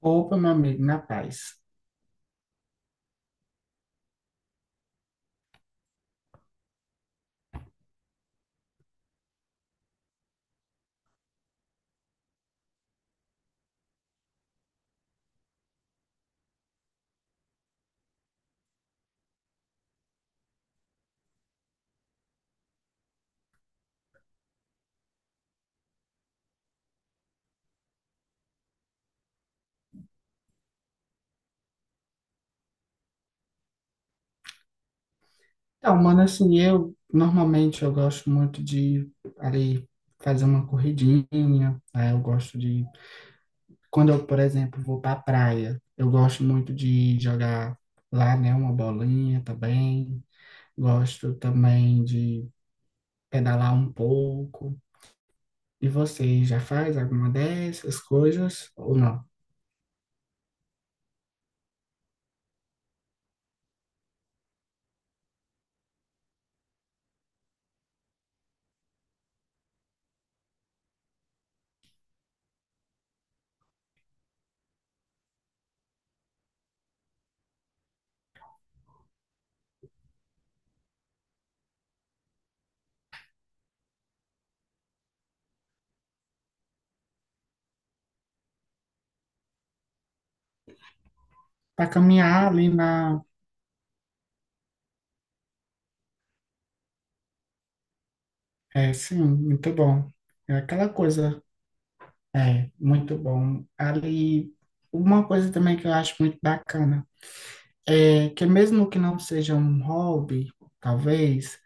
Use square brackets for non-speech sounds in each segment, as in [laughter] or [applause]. Opa, meu amigo, na paz. Então, mano, assim, eu normalmente eu gosto muito de ali fazer uma corridinha, aí eu gosto de quando eu, por exemplo, vou para a praia, eu gosto muito de jogar lá, né, uma bolinha também. Gosto também de pedalar um pouco. E você já faz alguma dessas coisas ou não? Para caminhar ali na, é, sim, muito bom. É aquela coisa. É, muito bom. Ali, uma coisa também que eu acho muito bacana é que mesmo que não seja um hobby, talvez,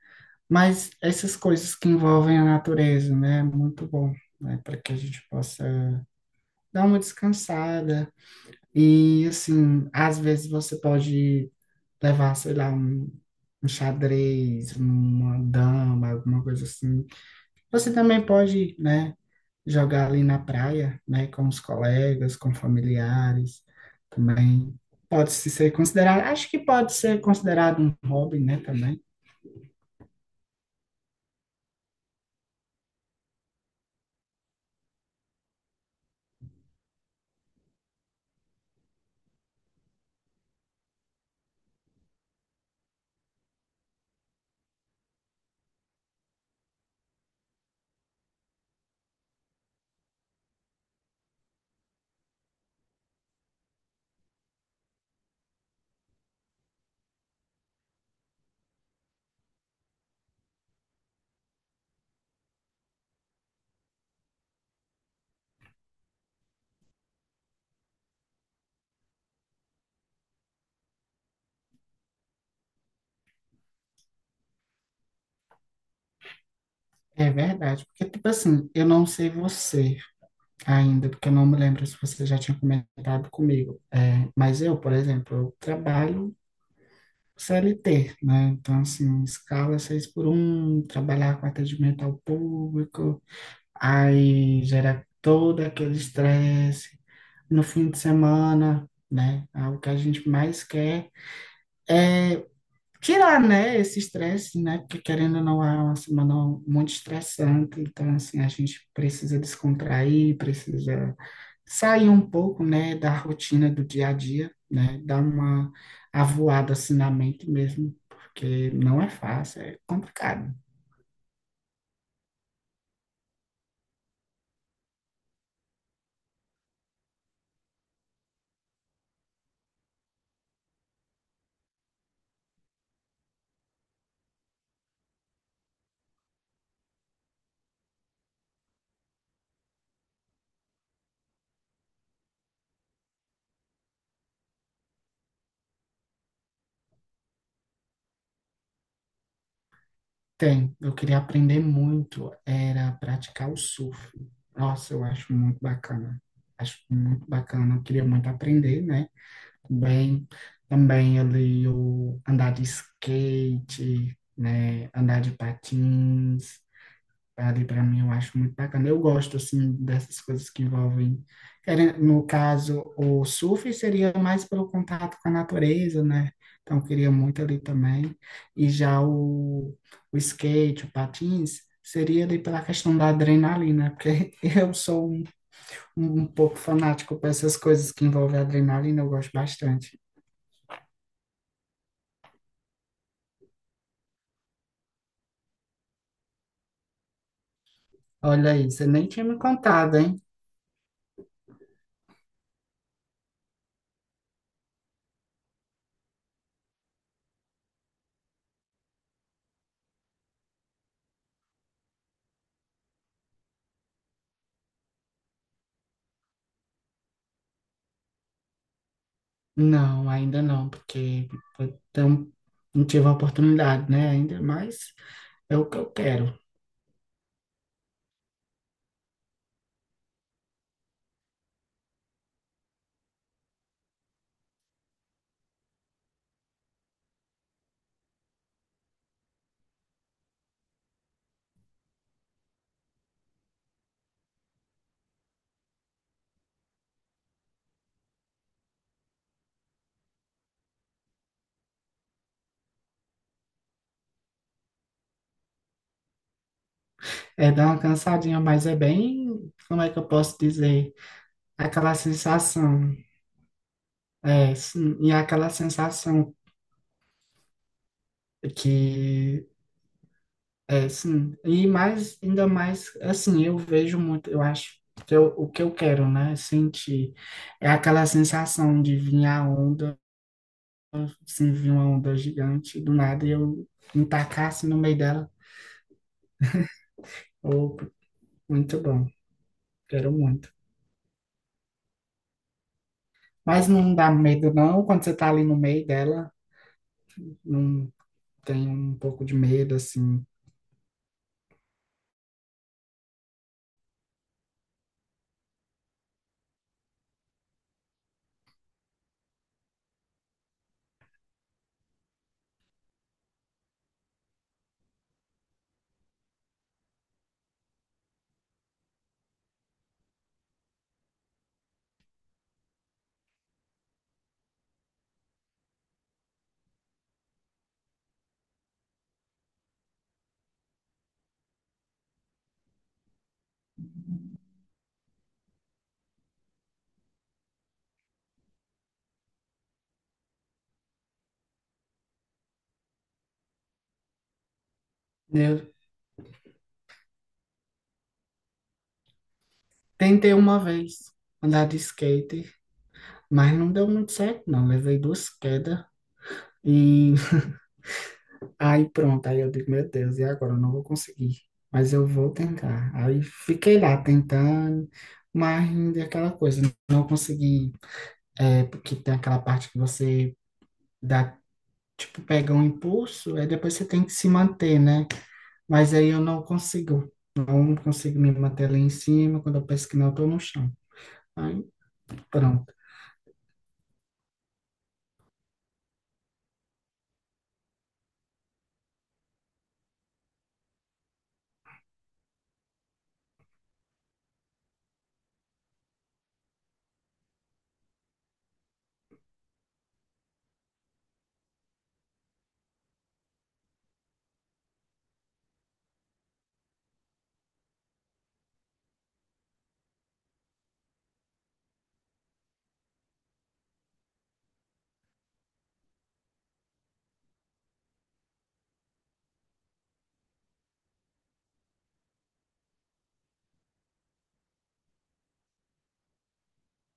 mas essas coisas que envolvem a natureza, né, é muito bom, né, para que a gente possa dar uma descansada e assim, às vezes você pode levar, sei lá, um xadrez, uma dama, alguma coisa assim. Você também pode, né, jogar ali na praia, né, com os colegas, com familiares, também pode se ser considerado, acho que pode ser considerado um hobby, né, também. É verdade, porque tipo assim, eu não sei você ainda, porque eu não me lembro se você já tinha comentado comigo. É, mas eu, por exemplo, eu trabalho CLT, né? Então assim, escala seis por um, trabalhar com atendimento ao público, aí gera todo aquele estresse no fim de semana, né? Ah, o que a gente mais quer é tirar, né, esse estresse, né? Porque querendo ou não, é uma semana muito estressante, então assim, a gente precisa descontrair, precisa sair um pouco, né, da rotina do dia a dia, né? Dar uma avoada assim na mente mesmo, porque não é fácil, é complicado. Tem, eu queria aprender muito, era praticar o surf. Nossa, eu acho muito bacana. Acho muito bacana, eu queria muito aprender, né? Bem, também ali o andar de skate, né? Andar de patins, Padre, para mim, eu acho muito bacana. Eu gosto, assim, dessas coisas que envolvem. No caso, o surf seria mais pelo contato com a natureza, né? Então, eu queria muito ali também. E já o, skate, o patins, seria ali pela questão da adrenalina, porque [laughs] eu sou um pouco fanático para essas coisas que envolvem adrenalina, eu gosto bastante. Olha aí, você nem tinha me contado, hein? Não, ainda não, porque então, não tive a oportunidade, né? Ainda mas é o que eu quero. É dar uma cansadinha, mas é bem, como é que eu posso dizer? Aquela sensação, é, sim, e aquela sensação que, é, sim, e mais, ainda mais, assim, eu vejo muito, eu acho que o que eu quero, né? Sentir é aquela sensação de vir a onda, assim, vir uma onda gigante do nada e eu me tacar assim, no meio dela. Ou Muito bom, quero muito. Mas não dá medo, não, quando você tá ali no meio dela, não tem um pouco de medo, assim. Eu tentei uma vez andar de skate, mas não deu muito certo, não. Levei duas quedas e [laughs] aí pronto, aí eu digo, meu Deus, e agora? Eu não vou conseguir, mas eu vou tentar. Aí fiquei lá tentando, mas ainda é aquela coisa, não consegui, é, porque tem aquela parte que você dá tipo, pega um impulso, aí depois você tem que se manter, né? Mas aí eu não consigo. Não consigo me manter lá em cima. Quando eu penso que não, eu tô no chão. Aí, pronto.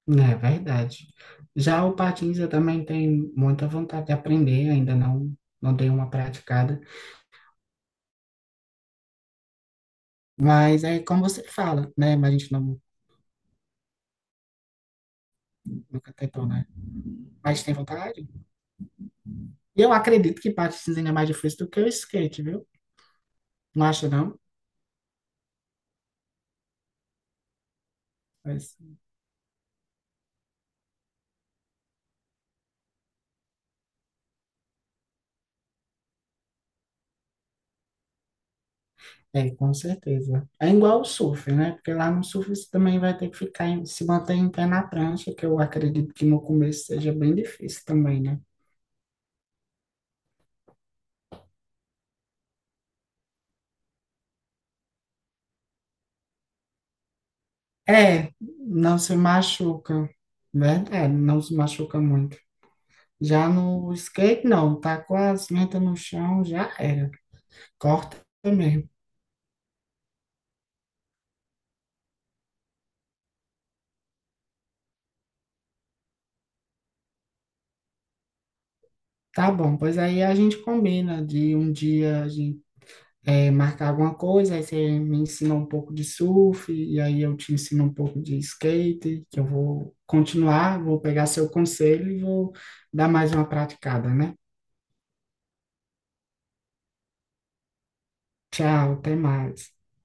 É verdade. Já o patins eu também tenho muita vontade de aprender, ainda não, não dei uma praticada. Mas é como você fala, né? Mas a gente não, nunca tentou, né? Mas tem vontade? E eu acredito que patins ainda é mais difícil do que o skate, viu? Não acha, não? É, com certeza. É igual o surf, né? Porque lá no surf você também vai ter que ficar, se manter em pé na prancha, que eu acredito que no começo seja bem difícil também, né? É, não se machuca, né? É, não se machuca muito. Já no skate, não, tá com as mentas no chão, já era. Corta mesmo. Tá bom, pois aí a gente combina de um dia a gente marcar alguma coisa, aí você me ensina um pouco de surf, e aí eu te ensino um pouco de skate, que eu vou continuar, vou pegar seu conselho e vou dar mais uma praticada, né? Tchau, até mais.